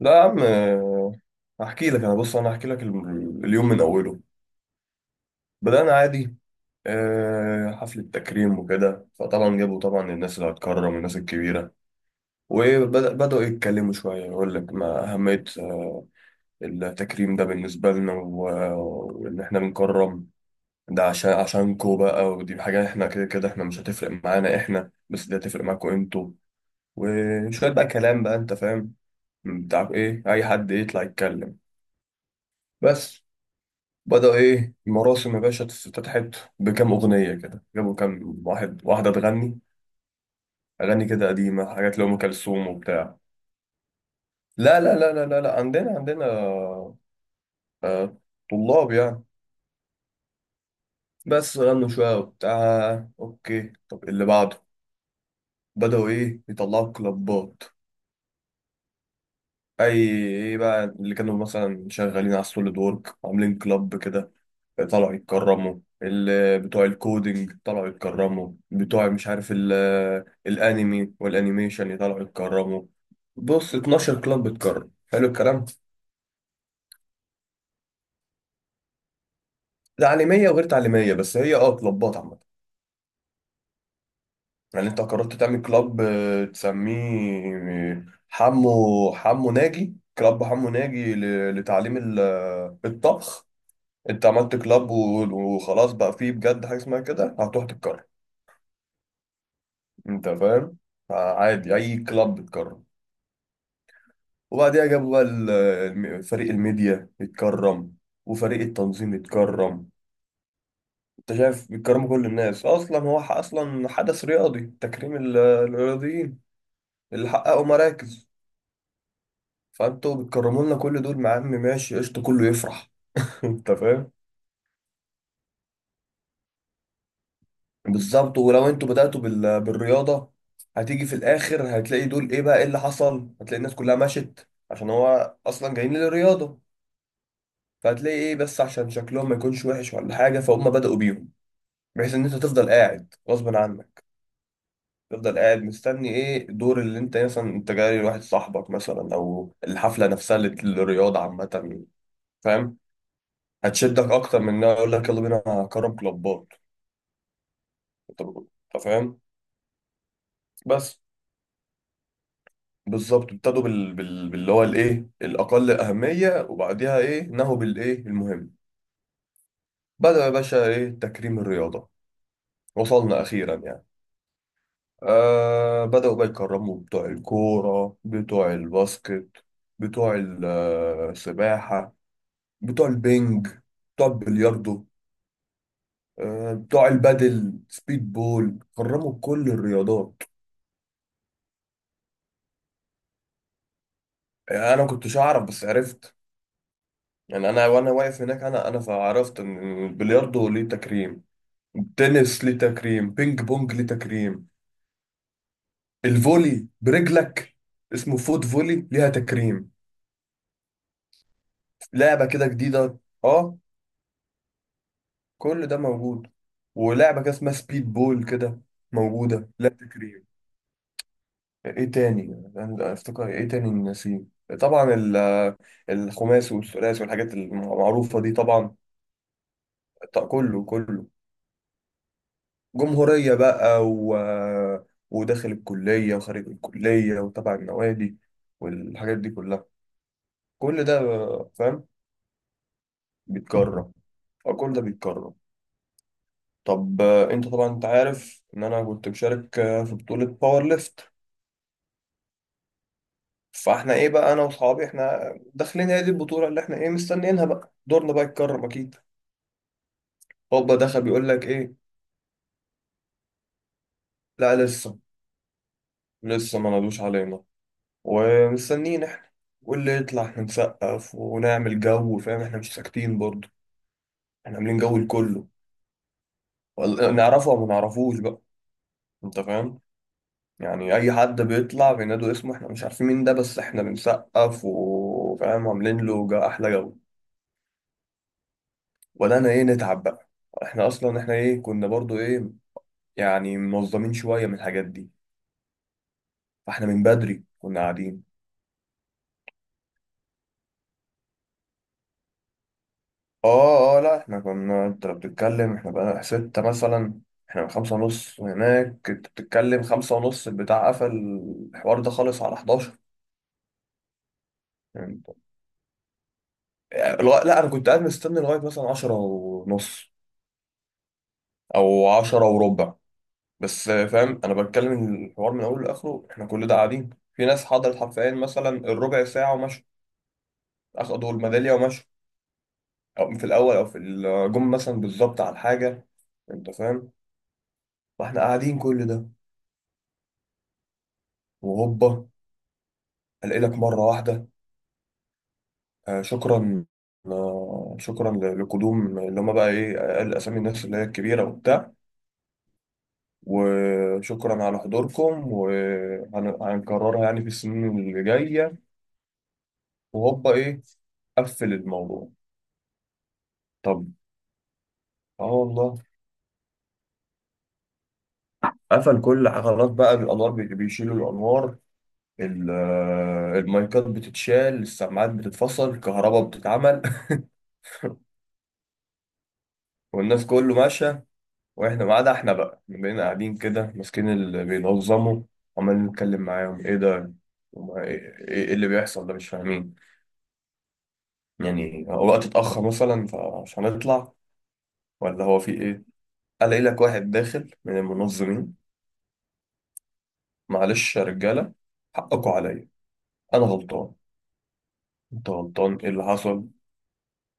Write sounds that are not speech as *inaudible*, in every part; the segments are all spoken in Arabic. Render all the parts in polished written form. لا يا عم، هحكي لك. انا هحكي لك اليوم من اوله. بدأنا عادي، حفلة تكريم وكده. فطبعا جابوا طبعا الناس اللي هتكرم، الناس الكبيرة، وبدأوا يتكلموا شوية. يقول لك ما أهمية التكريم ده بالنسبة لنا، وإن إحنا بنكرم ده عشان عشانكوا بقى، ودي حاجة إحنا كده كده إحنا مش هتفرق معانا إحنا، بس دي هتفرق معاكوا إنتوا. وشوية بقى كلام بقى، أنت فاهم، بتاع إيه، أي حد يطلع يتكلم بس. بدأ إيه المراسم يا باشا، افتتحت بكام أغنية كده. جابوا كام واحد واحدة تغني أغاني كده قديمة، حاجات لأم كلثوم وبتاع. لا. عندنا آه، آه، طلاب يعني. بس غنوا شوية وبتاع. أوكي، طب اللي بعده بدأوا إيه يطلعوا كلابات. أي إيه بقى اللي كانوا مثلا شغالين على السوليد وورك، عاملين كلاب كده، طلعوا يتكرموا. بتوع الكودينج طلعوا يتكرموا. بتوع مش عارف الانمي والانيميشن طلعوا يتكرموا. بص، 12 كلاب بتكرم، حلو الكلام. تعليميه وغير تعليميه، بس هي اه كلابات عامه. يعني انت قررت تعمل كلاب، تسميه آه، حمو ناجي، كلاب حمو ناجي لتعليم الطبخ. انت عملت كلاب وخلاص، بقى فيه بجد حاجه اسمها كده هتروح تتكرر. انت فاهم، عادي اي كلاب بتكرر. وبعديها جابوا بقى فريق الميديا يتكرم، وفريق التنظيم يتكرم. انت شايف بيتكرموا كل الناس. اصلا هو اصلا حدث رياضي، تكريم الرياضيين اللي حققوا مراكز، فانتوا بتكرموا لنا كل دول. مع عم ماشي قشطه، كله يفرح. *laughs* انت فاهم، بالظبط. ولو انتوا بدأتوا بالرياضة، هتيجي في الاخر هتلاقي دول ايه بقى، ايه اللي حصل؟ هتلاقي الناس كلها مشت، عشان هو اصلا جايين للرياضة. فهتلاقي ايه، بس عشان شكلهم ما يكونش وحش ولا حاجة، فهم بدأوا بيهم، بحيث ان انت تفضل قاعد غصب عنك. تفضل قاعد مستني ايه الدور، اللي انت مثلا انت جاي لواحد صاحبك مثلا، او الحفله نفسها اللي للرياضه عامه، فاهم؟ هتشدك اكتر من انها يقول لك يلا بينا كرم كلوبات، انت فاهم بس. بالظبط، ابتدوا باللي هو الايه الاقل اهميه، وبعديها ايه نهوا بالايه المهم. بدأ يا باشا ايه تكريم الرياضه، وصلنا اخيرا يعني. آه، بدأوا بقى يكرموا بتوع الكورة، بتوع الباسكت، بتوع السباحة، بتوع البنج، بتوع البلياردو، آه بتوع البادل، سبيد بول، كرموا كل الرياضات. أنا ما كنتش أعرف بس عرفت. يعني أنا وأنا واقف هناك أنا فعرفت إن البلياردو ليه تكريم، التنس ليه تكريم، بينج بونج ليه تكريم، الفولي برجلك اسمه فوت فولي ليها تكريم، لعبة كده جديدة. اه، كل ده موجود. ولعبة كده اسمها سبيد بول كده موجودة، لا تكريم. ايه تاني، أنا افتكر ايه تاني نسيم، طبعا الخماس والثلاث والحاجات المعروفة دي طبعا. كله كله جمهورية بقى، و... وداخل الكلية وخارج الكلية وتبع النوادي والحاجات دي كلها. كل ده، فاهم، بيتكرر. أه، كل ده بيتكرر. طب آه، انت طبعا انت عارف ان انا كنت مشارك، في بطولة باور ليفت. فاحنا ايه بقى، انا واصحابي احنا داخلين هي دي البطوله اللي احنا ايه مستنيينها، بقى دورنا بقى يتكرم اكيد. هوبا دخل بيقول لك ايه، لا لسه، لسه ما نادوش علينا ومستنيين احنا. واللي يطلع احنا نسقف ونعمل جو، فاهم، احنا مش ساكتين برضه. احنا عاملين جو لكله، نعرفه او ما نعرفوش بقى. انت فاهم، يعني اي حد بيطلع بينادوا اسمه احنا مش عارفين مين ده، بس احنا بنسقف، وفاهم، عاملين له احلى جو. ولا انا ايه نتعب بقى. احنا اصلا احنا ايه كنا برضو ايه، يعني منظمين شوية من الحاجات دي، فاحنا من بدري كنا قاعدين. اه اه، لا احنا كنا، انت لو بتتكلم احنا بقى ستة مثلا، احنا من خمسة ونص. وهناك انت بتتكلم خمسة ونص، البتاع قفل الحوار ده خالص على 11. يعني لا انا كنت قاعد مستني لغاية مثلا 10 ونص او 10 وربع بس، فاهم. انا بتكلم الحوار من اوله لاخره، احنا كل ده قاعدين. في ناس حضرت حرفيا مثلا الربع ساعة ومشوا، اخدوا الميدالية ومشوا، او في الاول او في الجم مثلا بالظبط على الحاجه، انت فاهم. واحنا قاعدين كل ده. وهوبا الاقي لك مره واحده، آه شكرا، آه شكرا لقدوم اللي هم بقى ايه اقل اسامي الناس اللي هي الكبيره وبتاع، وشكرا على حضوركم، وهنكررها يعني في السنين اللي جايه. وهوبا ايه، قفل الموضوع. طب اه والله، قفل كل خلاص بقى، الانوار بيشيلوا الانوار، ال- المايكات بتتشال، السماعات بتتفصل، الكهرباء بتتعمل. *laughs* والناس كله ماشية. واحنا، ما عدا احنا بقى، إحنا بقينا قاعدين كده ماسكين اللي بينظموا، عمالين نتكلم معاهم ايه ده، ايه إيه اللي بيحصل ده، مش فاهمين يعني هو وقت اتأخر مثلا فعشان نطلع، ولا هو في ايه. الاقي لك واحد داخل من المنظمين، معلش يا رجالة، حقكوا عليا، انا غلطان. انت غلطان، ايه اللي حصل؟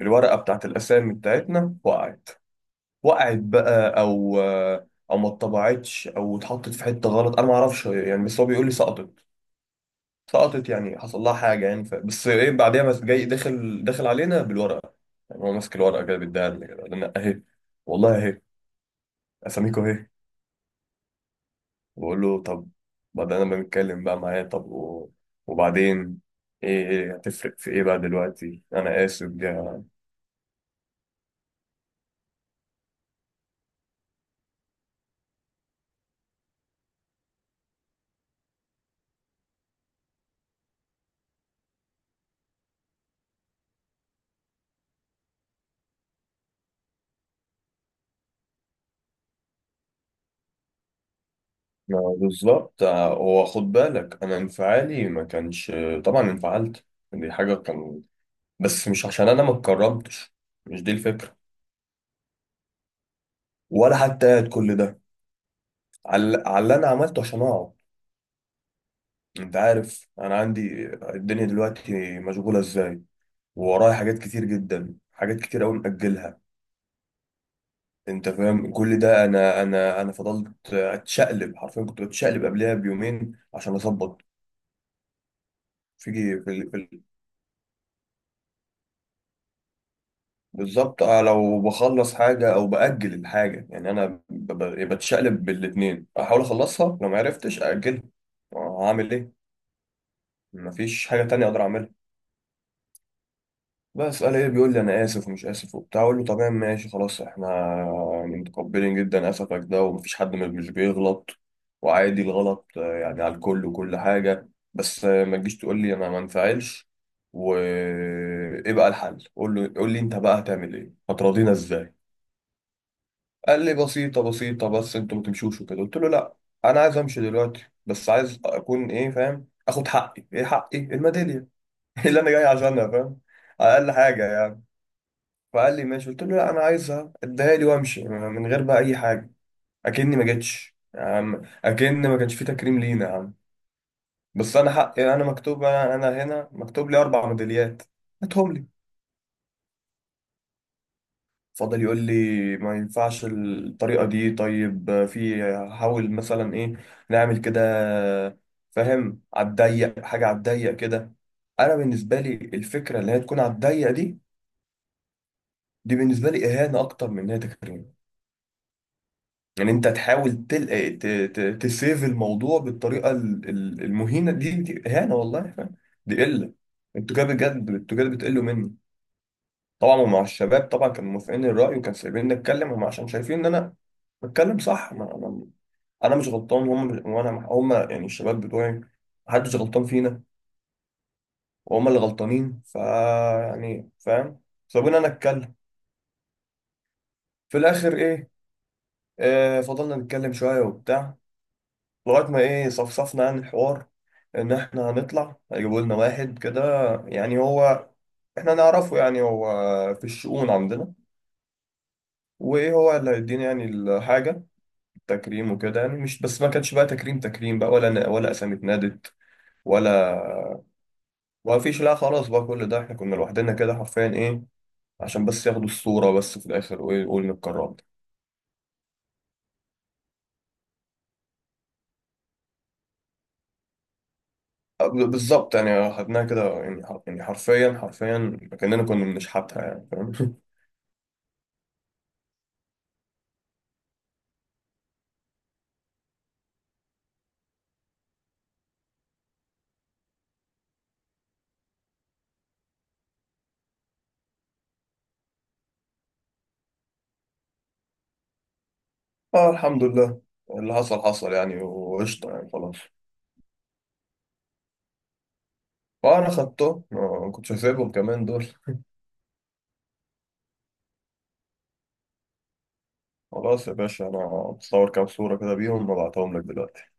الورقة بتاعت الاسامي بتاعتنا وقعت. وقعت بقى، او او ما اتطبعتش او اتحطت في حته غلط، انا ما اعرفش يعني، بس هو بيقول لي سقطت. سقطت يعني حصل لها حاجه يعني. بس ايه بعديها، بس جاي داخل، علينا بالورقه، يعني هو ماسك الورقه كده بيديها لنا كده، انا اهي، والله اهي، اساميكو اهي. بقول له طب، بعدين انا بنتكلم بقى معاه، طب وبعدين ايه هتفرق في ايه بقى دلوقتي انا اسف ده. ما بالظبط، هو خد بالك انا انفعالي ما كانش، طبعا انفعلت، دي حاجه كان، بس مش عشان انا ما اتكرمتش، مش دي الفكره. ولا حتى قاعد كل ده، على على اللي انا عملته عشان اقعد. انت عارف انا عندي الدنيا دلوقتي مشغوله ازاي، وورايا حاجات كتير جدا، حاجات كتير قوي مأجلها، انت فاهم. كل ده، انا فضلت اتشقلب حرفيا، كنت بتشقلب قبلها بيومين عشان اظبط. فيجي في بالظبط آه، لو بخلص حاجه او باجل الحاجه، يعني انا بتشقلب بالاتنين، احاول اخلصها لو ما عرفتش اجلها. هعمل ايه، مفيش حاجة تانية أقدر أعملها. بس قال إيه، بيقول لي أنا آسف ومش آسف وبتاع. أقول له تمام ماشي خلاص، إحنا يعني متقبلين جدا آسفك ده، ومفيش حد مش بيغلط، وعادي الغلط آه، يعني على الكل وكل حاجة. بس آه، ما تجيش تقول لي أنا ما انفعلش. وإيه بقى الحل؟ قول له، قول لي أنت بقى هتعمل إيه؟ هتراضينا إزاي؟ قال لي بسيطة بس أنتوا ما تمشوش وكده. قلت له لأ، أنا عايز أمشي دلوقتي، بس عايز أكون إيه فاهم؟ آخد حقي. إيه حقي؟ الميدالية اللي انا جاي عشانها، فاهم، اقل حاجه يعني. فقال لي ماشي. قلت له لا، انا عايزها اديها لي وامشي من غير بقى اي حاجه، اكني ما جتش يا عم، اكن ما كانش في تكريم لينا يا عم. بس انا حقي، انا مكتوب، انا هنا مكتوب لي اربع ميداليات، هاتهم لي. فضل يقول لي ما ينفعش الطريقه دي، طيب في، حاول مثلا ايه نعمل كده، فاهم، على الضيق، حاجه على الضيق كده. انا بالنسبه لي الفكره اللي هي تكون على الضيق دي، دي بالنسبه لي اهانه اكتر من ان هي تكريم. يعني انت تحاول تل... آه، ت... ت... تسيف الموضوع بالطريقه المهينه دي، دي اهانه والله، فاهم، دي قله. انتوا كده بجد، انتوا كده بتقلوا مني. طبعا ومع الشباب طبعا كانوا موافقين الراي، وكانوا سايبيني اتكلم هم، عشان شايفين ان انا بتكلم صح. ما انا انا مش غلطان، هم مش... وانا هم يعني الشباب بتوعي، محدش غلطان فينا، وهم اللي غلطانين. ف يعني فاهم، سابوني انا اتكلم. في الاخر ايه، آه فضلنا نتكلم شويه وبتاع، لغاية ما ايه صفصفنا عن الحوار، ان احنا هنطلع هيجيبوا لنا واحد كده، يعني هو احنا نعرفه، يعني هو في الشؤون عندنا، وايه هو اللي هيدينا يعني الحاجة التكريم وكده. يعني مش بس ما كانش بقى تكريم تكريم بقى، ولا اسامي اتنادت ولا، ما فيش لا، خلاص بقى. كل ده احنا كنا لوحدنا كده حرفيا، ايه، عشان بس ياخدوا الصورة بس في الاخر، وايه يقولوا اتكرمت. بالظبط، يعني خدناها كده يعني يعني حرفيا كأننا كنا بنشحتها يعني، فاهم. *laughs* اه الحمد لله، اللي حصل حصل يعني، وقشطة يعني خلاص. فأنا خدته، ما كنتش هسيبهم كمان دول. خلاص يا باشا، أنا بصور كام صورة كده بيهم وبعتهم لك دلوقتي.